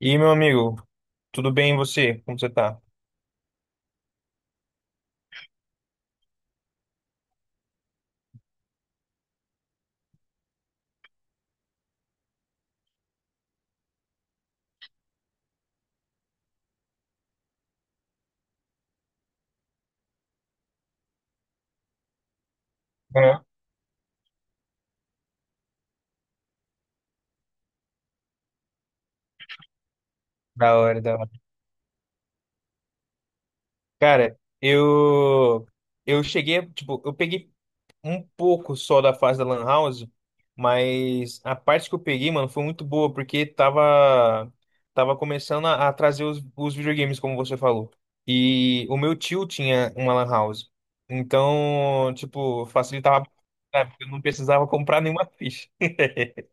E aí, meu amigo, tudo bem e você? Como você tá? Aham. Da hora, da hora. Cara, eu cheguei, tipo, eu peguei um pouco só da fase da Lan House, mas a parte que eu peguei, mano, foi muito boa, porque tava começando a trazer os videogames, como você falou. E o meu tio tinha uma Lan House. Então, tipo, facilitava, né, porque eu não precisava comprar nenhuma ficha.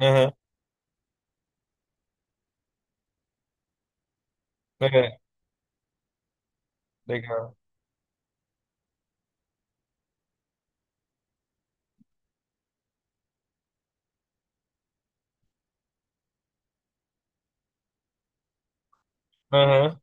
Aham, é, legal. Aham.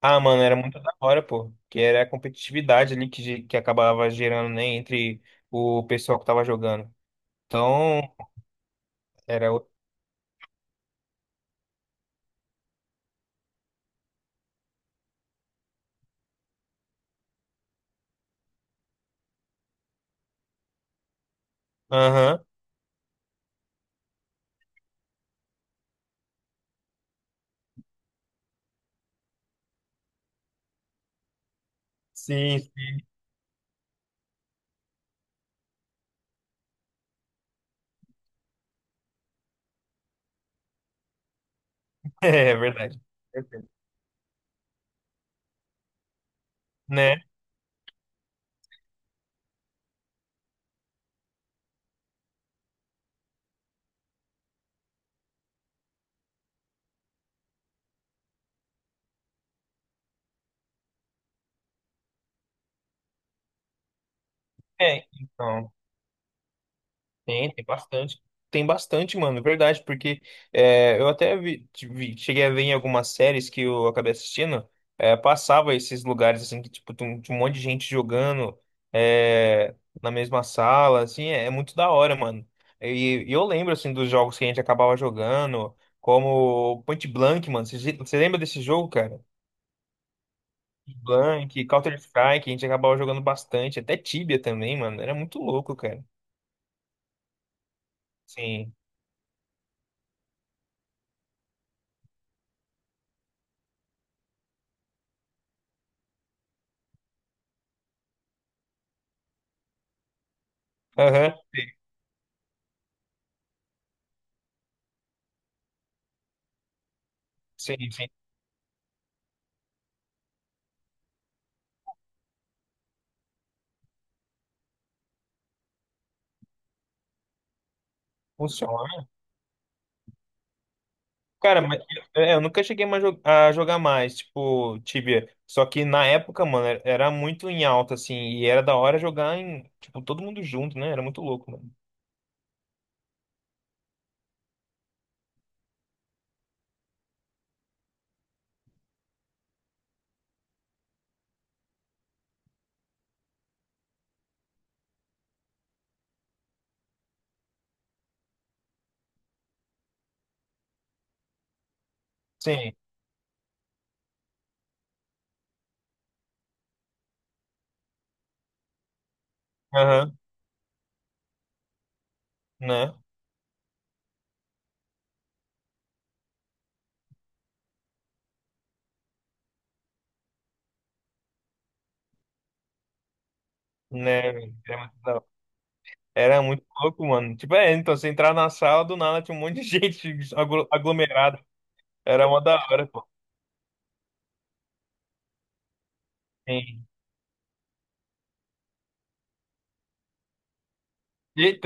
Ah, mano, era muito da hora, pô. Que era a competitividade ali que, que acabava gerando, né, entre o pessoal que tava jogando. Então, era. Aham. Sim, sim. É, verdade. Perfeito. Né? É, então, tem, tem bastante. Tem bastante, mano, é verdade, porque é, eu até vi, cheguei a ver em algumas séries que eu acabei assistindo, é, passava esses lugares, assim, que, tipo, tem um, tinha um monte de gente jogando é, na mesma sala, assim, é, é muito da hora, mano. E eu lembro, assim, dos jogos que a gente acabava jogando, como Point Blank, mano. Você lembra desse jogo, cara? Blank, Counter-Strike, a gente acabava jogando bastante, até Tibia também, mano. Era muito louco, cara. Sim. Aham. Sim, sim. Funciona. Cara, mas é, eu nunca cheguei mais a jogar mais, tipo, Tibia. Só que na época, mano, era muito em alta, assim, e era da hora jogar em, tipo, todo mundo junto, né? Era muito louco, mano. Sim. Aham, né? Né? Era muito da hora. Era muito louco, mano. Tipo, é, então, você entrar na sala, do nada tinha um monte de gente aglomerada. Era uma da hora, pô. Sim. E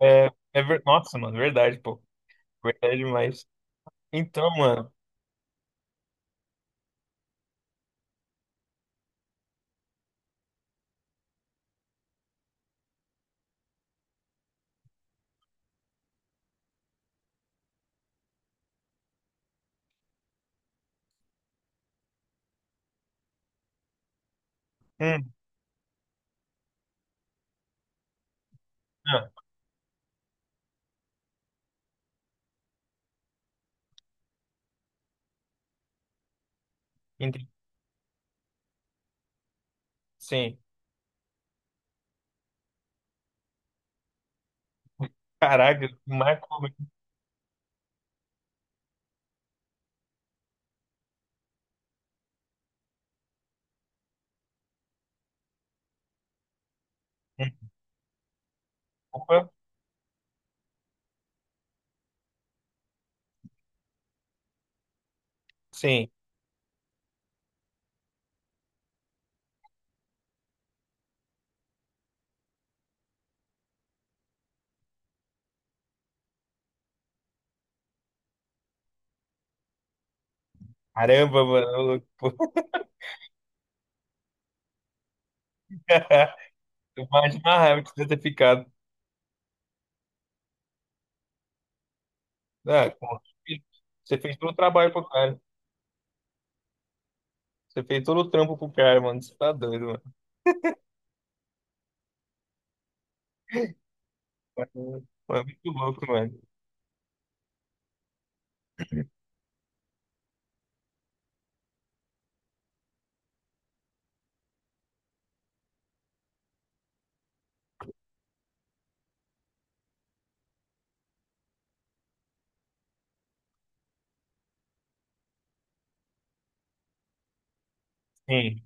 é, é nossa, mano, verdade, pô. Verdade demais. Então, mano. Hum, ah, entendi. Sim. Caraca, Marco. Hum, Opa, sim. Caramba, mano. Ô louco, pô. Imagina a raiva que você deve ter ficado. Ah, pô, você fez todo o trabalho pro cara. Você fez todo o trampo pro cara, mano. Você tá doido, mano. Mano, é muito louco, mano. Sim.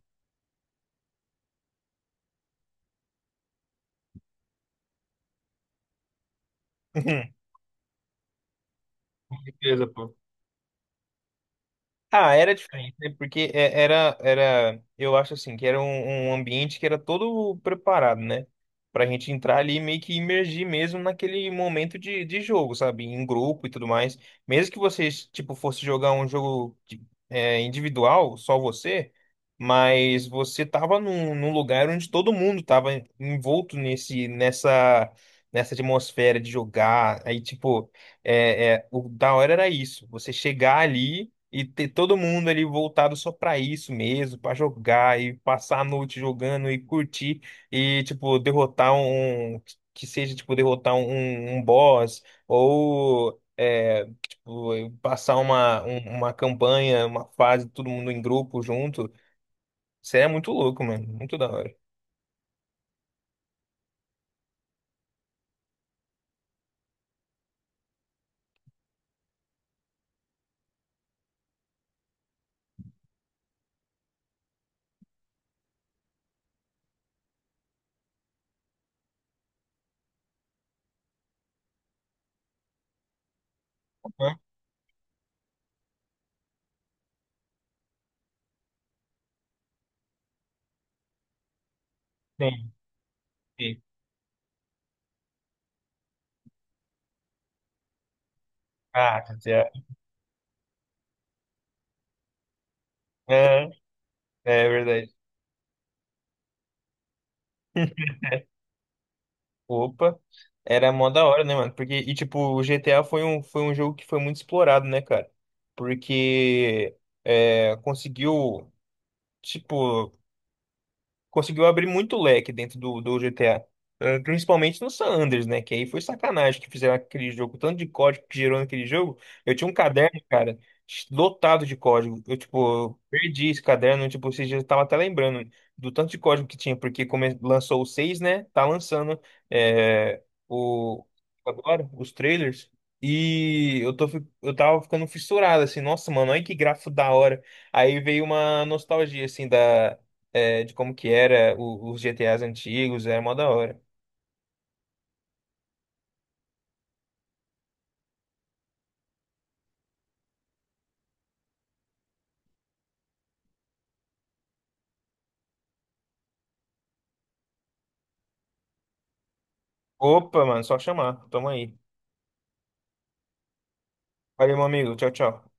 Com certeza, pô. Ah, era diferente, né? Porque era, era, eu acho assim, que era um, um ambiente que era todo preparado, né? Pra gente entrar ali e meio que imergir mesmo naquele momento de jogo, sabe? Em grupo e tudo mais. Mesmo que vocês, tipo, fosse jogar um jogo é, individual, só você, mas você tava num, num lugar onde todo mundo tava envolto nesse, nessa, nessa atmosfera de jogar. Aí, tipo, é, é, o da hora era isso, você chegar ali. E ter todo mundo ali voltado só pra isso mesmo, pra jogar e passar a noite jogando e curtir e, tipo, derrotar um. Que seja, tipo, derrotar um, um boss ou é, tipo, passar uma, uma campanha, uma fase, todo mundo em grupo junto. Isso é muito louco, mano. Muito da hora. Aham. Sim, sim. Ah, já. Aham. É verdade. Opa, era mó da hora, né, mano? Porque, e tipo, o GTA foi um jogo que foi muito explorado, né, cara? Porque é, conseguiu, tipo, conseguiu abrir muito leque dentro do, do GTA. Eh, principalmente no San Andreas, né? Que aí foi sacanagem que fizeram aquele jogo. O tanto de código que gerou naquele jogo. Eu tinha um caderno, cara, lotado de código. Eu, tipo, eu perdi esse caderno. Tipo, esses dias eu tava até lembrando do tanto de código que tinha. Porque come... lançou o 6 né? Tá lançando eh, o... agora os trailers. E eu tô, eu tava ficando fissurado, assim. Nossa, mano, olha que gráfico da hora. Aí veio uma nostalgia, assim, da é, de como que era os GTAs antigos, era mó da hora. Opa, mano, só chamar. Tamo aí. Valeu, meu amigo. Tchau, tchau.